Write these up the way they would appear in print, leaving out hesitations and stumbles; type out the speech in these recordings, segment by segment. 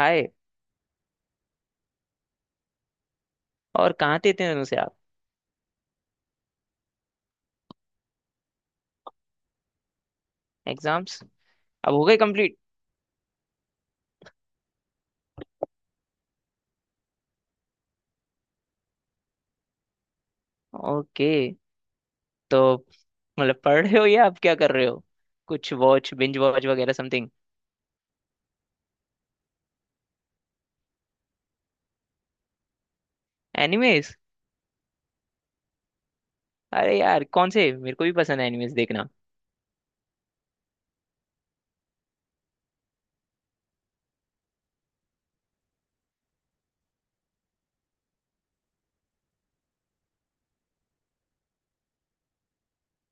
हाय। और कहाँ थे इतने दिनों से आप? एग्जाम्स अब हो गए कंप्लीट? ओके। तो मतलब पढ़ रहे हो या आप क्या कर रहे हो? कुछ वॉच बिंज वॉच वगैरह समथिंग? एनिमेस? अरे यार, कौन से? मेरे को भी पसंद है एनिमेस देखना।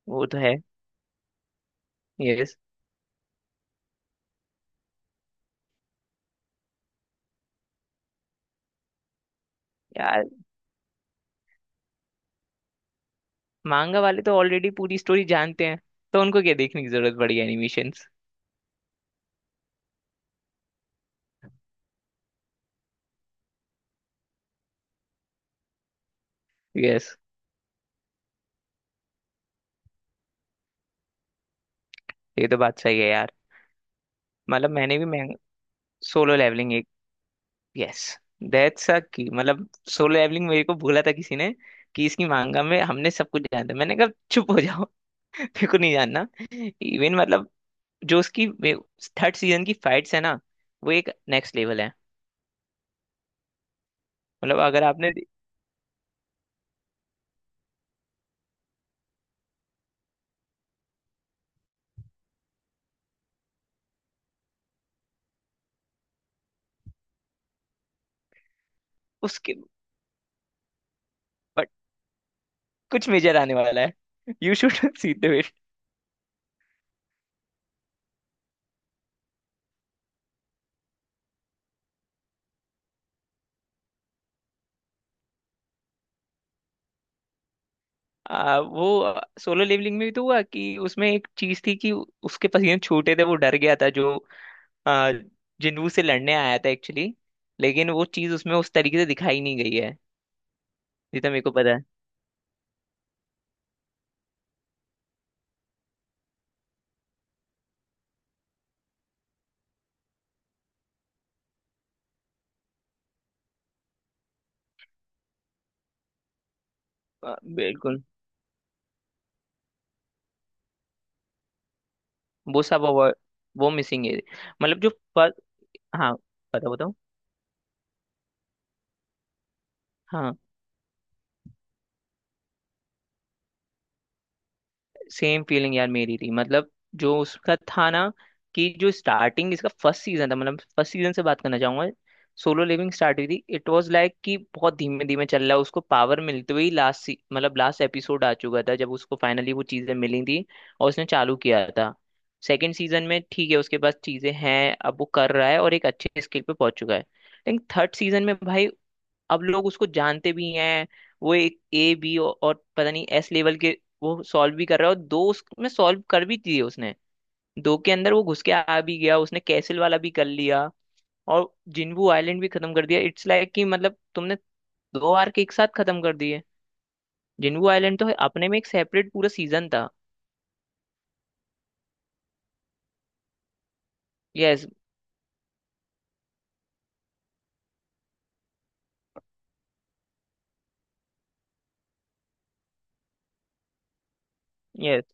वो तो है। यस। यार, मांगा वाले तो ऑलरेडी पूरी स्टोरी जानते हैं, तो उनको क्या देखने की जरूरत पड़ी एनिमेशंस? यस। ये तो बात सही है यार। मतलब मैंने भी मैं solo levelling. Yes. That's a की। मतलब सोलो लेवलिंग मेरे को बोला था किसी ने कि इसकी मांगा में हमने सब कुछ जाना था। मैंने कहा चुप हो जाओ। मेरे को नहीं जानना। इवन मतलब जो उसकी थर्ड सीजन की फाइट्स है ना, वो एक नेक्स्ट लेवल है। मतलब अगर आपने उसके बट कुछ मेजर आने वाला है। You should see the it. वो सोलो लेवलिंग में भी तो हुआ कि उसमें एक चीज थी कि उसके पसीने छूटे थे, वो डर गया था जो आ, जिन्नू से लड़ने आया था एक्चुअली। लेकिन वो चीज उसमें उस तरीके से दिखाई नहीं गई है जितना मेरे को पता है। बिल्कुल। वो सब अवॉइड। वो मिसिंग है। मतलब जो फर्स्ट। हाँ, बताओ बताओ। हाँ, सेम फीलिंग यार मेरी थी। मतलब जो उसका था ना कि जो स्टार्टिंग इसका फर्स्ट सीजन था, मतलब फर्स्ट सीजन से बात करना चाहूंगा। सोलो लिविंग स्टार्ट हुई थी, इट वाज लाइक कि बहुत धीमे धीमे चल रहा है, उसको पावर मिलते हुए ही लास्ट मतलब लास्ट एपिसोड आ चुका था जब उसको फाइनली वो चीजें मिली थी और उसने चालू किया था। सेकंड सीजन में ठीक है उसके पास चीजें हैं, अब वो कर रहा है और एक अच्छे स्किल पे पहुंच चुका है। लेकिन थर्ड सीजन में भाई, अब लोग उसको जानते भी हैं। वो एक ए बी और पता नहीं एस लेवल के वो सॉल्व भी कर रहा है और दो उसमें सॉल्व कर भी दिए उसने। दो के अंदर वो घुस के आ भी गया, उसने कैसल वाला भी कर लिया और जिन्बू आइलैंड भी खत्म कर दिया। इट्स लाइक कि मतलब तुमने दो आर्क एक साथ खत्म कर दिए। जिन्बू आइलैंड तो अपने में एक सेपरेट पूरा सीजन था। यस। यस।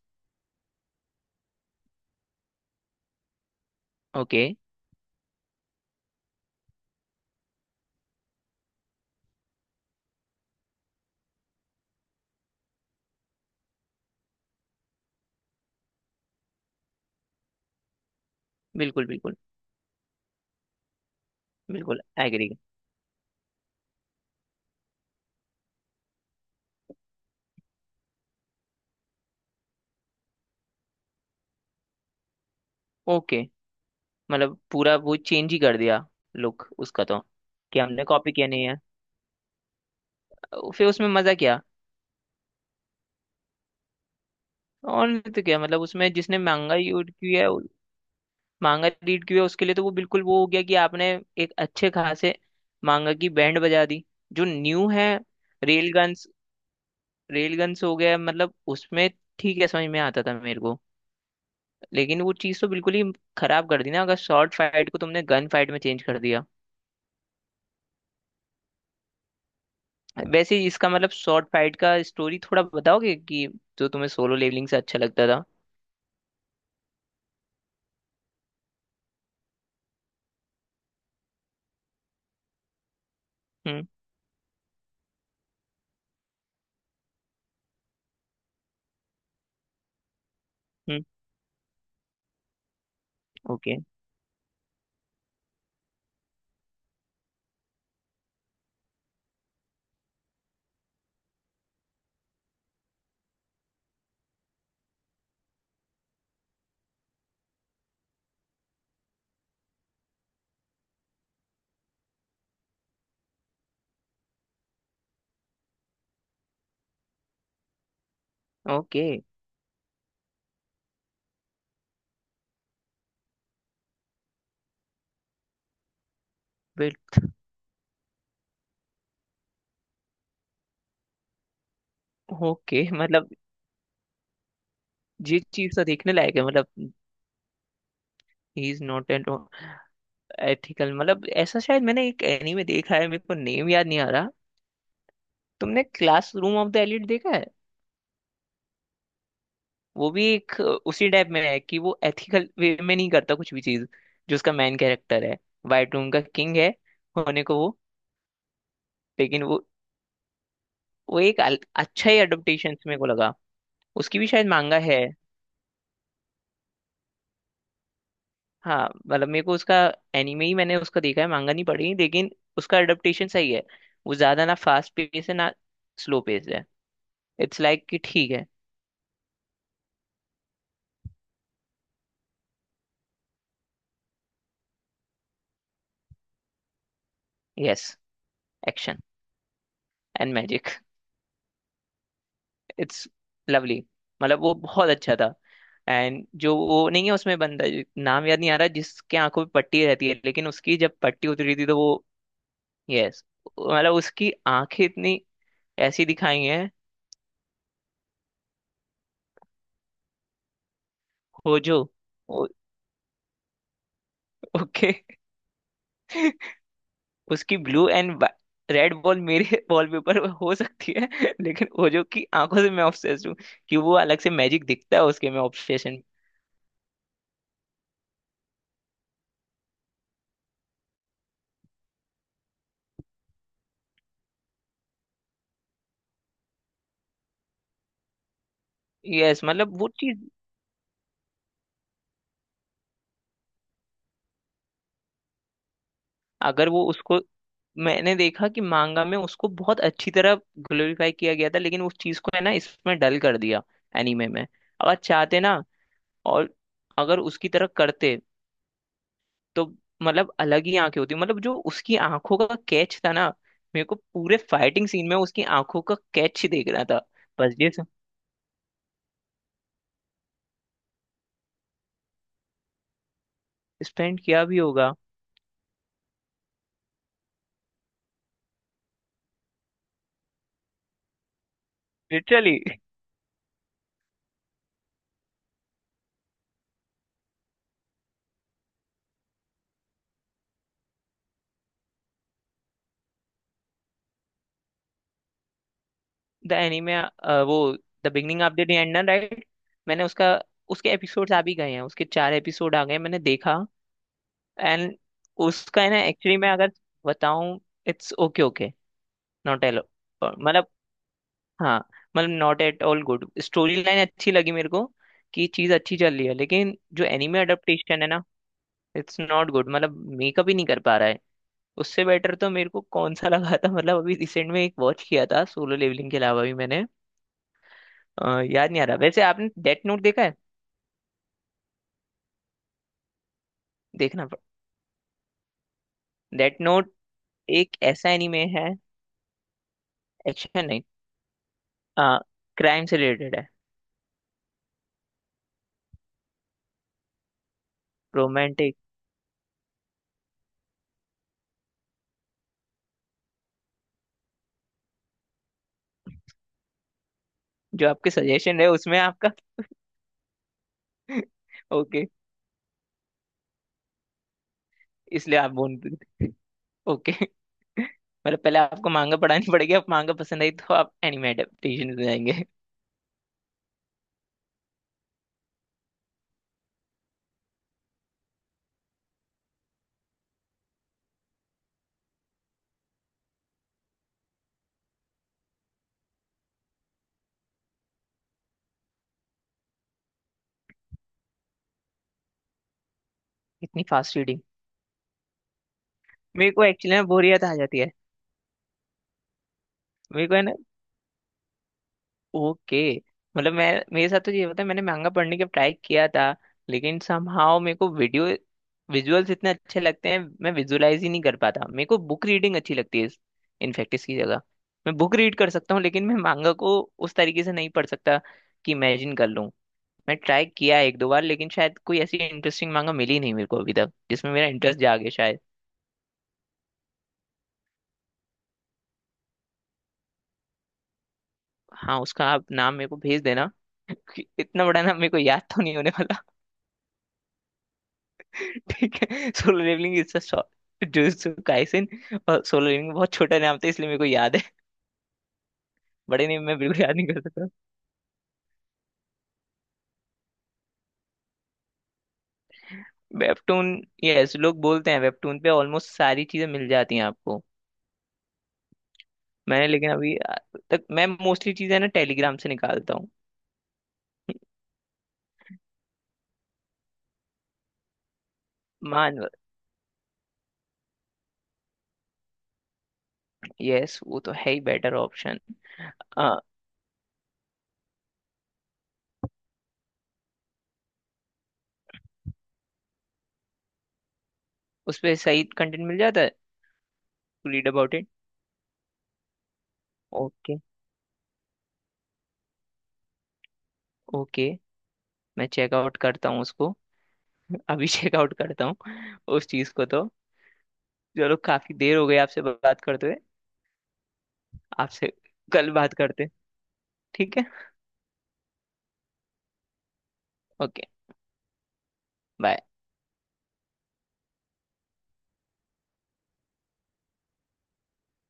ओके। बिल्कुल बिल्कुल। बिल्कुल एग्री। ओके, मतलब पूरा वो चेंज ही कर दिया लुक उसका तो। कि हमने कॉपी किया नहीं है, फिर उसमें मजा क्या? और नहीं तो क्या? मतलब उसमें जिसने मांगा रीड किया है, मांगा रीड किया है, उसके लिए तो वो बिल्कुल वो हो गया कि आपने एक अच्छे खासे मांगा की बैंड बजा दी। जो न्यू है। Rail guns. रेल गन्स हो गया मतलब उसमें ठीक है, समझ में आता था मेरे को। लेकिन वो चीज़ तो बिल्कुल ही खराब कर दी ना अगर शॉर्ट फाइट को तुमने गन फाइट में चेंज कर दिया। वैसे ही इसका मतलब शॉर्ट फाइट का स्टोरी थोड़ा बताओगे कि जो तुम्हें सोलो लेवलिंग से अच्छा लगता था? हम्म। हम्म। ओके। ओके। बिल्कुल। ओके, मतलब ये चीज तो देखने लायक है मतलब। He is not at ethical मतलब ऐसा शायद मैंने एक एनीमे देखा है, मेरे को नेम याद नहीं आ रहा। तुमने क्लासरूम ऑफ द एलिट देखा है? वो भी एक उसी टाइप में है कि वो एथिकल वे में नहीं करता कुछ भी चीज। जो उसका मेन कैरेक्टर है वाइट रूम का किंग है होने को वो, लेकिन वो एक अच्छा ही अडोप्टेशन मेरे को लगा। उसकी भी शायद मांगा है। हाँ। मतलब मेरे को उसका एनिमे ही मैंने उसका देखा है, मांगा नहीं पड़ी, लेकिन उसका एडेप्टेशन सही है। वो ज्यादा ना फास्ट पेस है ना स्लो पेस है। इट्स लाइक कि ठीक है। Yes. Action and magic. It's lovely. मतलब वो बहुत अच्छा था। एंड जो वो नहीं है उसमें बंदा नाम याद नहीं आ रहा जिसके आंखों पे पट्टी रहती है, लेकिन उसकी जब पट्टी उतरी थी तो वो यस। मतलब उसकी आंखें इतनी ऐसी दिखाई हैं। हो जो। ओके। उसकी ब्लू एंड रेड बॉल मेरे वॉलपेपर पर हो सकती है लेकिन वो जो कि आंखों से मैं ऑब्सेस्ड हूँ कि वो अलग से मैजिक दिखता है उसके में ऑब्सेशन। यस। मतलब वो चीज अगर वो उसको मैंने देखा कि मांगा में उसको बहुत अच्छी तरह ग्लोरीफाई किया गया था, लेकिन उस चीज को है ना इसमें डल कर दिया एनीमे में। अगर चाहते ना और अगर उसकी तरह करते तो मतलब अलग ही आंखें होती। मतलब जो उसकी आंखों का कैच था ना, मेरे को पूरे फाइटिंग सीन में उसकी आंखों का कैच ही देख रहा था। बस ये सब। स्पेंड किया भी होगा। लिटरली। द एनीमे वो the beginning of the day and right? मैंने उसका उसके एपिसोड्स आ भी गए हैं, उसके चार एपिसोड आ गए हैं, मैंने देखा। एंड उसका है ना एक्चुअली मैं अगर बताऊं it's okay okay not hello. मतलब हाँ। मतलब not at all good, story line अच्छी लगी मेरे को कि चीज अच्छी चल रही है। लेकिन जो एनिमे अडेप्टेशन है ना इट्स नॉट गुड मतलब मेकअप ही नहीं कर पा रहा है। उससे बेटर तो मेरे को कौन सा लगा था मतलब अभी रिसेंट में एक वॉच किया था सोलो लेवलिंग के अलावा भी मैंने याद नहीं आ रहा। वैसे आपने डेथ नोट देखा है? देखना। डेथ नोट एक ऐसा एनिमे है एक्शन नहीं, क्राइम से रिलेटेड है। रोमांटिक जो आपके सजेशन है उसमें आपका ओके। इसलिए आप बोल। ओके, मतलब पहले आपको मांगा पढ़ानी पड़ेगी। आप मांगा पसंद आई तो आप एनिमे एडेप्टेशन में जाएंगे इतनी फास्ट रीडिंग? मेरे को एक्चुअली ना बोरियत आ जाती है मेरे को है ना। ओके, मतलब मैं मेरे साथ तो ये होता है मैंने मांगा पढ़ने का ट्राई किया था, लेकिन समहाउ मेरे को वीडियो विजुअल्स इतने अच्छे लगते हैं मैं विजुअलाइज ही नहीं कर पाता। मेरे को बुक रीडिंग अच्छी लगती है। इनफैक्ट इसकी जगह मैं बुक रीड कर सकता हूँ, लेकिन मैं मांगा को उस तरीके से नहीं पढ़ सकता कि इमेजिन कर लूँ। मैं ट्राई किया है एक दो बार लेकिन शायद कोई ऐसी इंटरेस्टिंग मांगा मिली नहीं मेरे को अभी तक जिसमें मेरा इंटरेस्ट जागे शायद। हाँ उसका आप नाम मेरे को भेज देना कि इतना बड़ा नाम मेरे को याद तो नहीं होने वाला। ठीक है solo levelling is a short Jujutsu Kaisen, और सोलो लेवलिंग बहुत छोटा नाम था इसलिए मेरे को याद है बड़े नेम मैं बिल्कुल याद नहीं कर सकता। वेबटून? यस, लोग बोलते हैं वेबटून पे ऑलमोस्ट सारी चीजें मिल जाती हैं आपको। मैंने लेकिन अभी तक मैं मोस्टली चीजें ना टेलीग्राम से निकालता हूँ। यस वो तो है ही बेटर ऑप्शन। आ, उस पे सही कंटेंट मिल जाता है। To read about it. Okay. Okay. मैं चेकआउट करता हूँ उसको। अभी चेकआउट करता हूँ उस चीज को तो। चलो काफी देर हो गई आपसे बात करते हुए। आपसे कल बात करते हैं, ठीक है? ओके। बाय।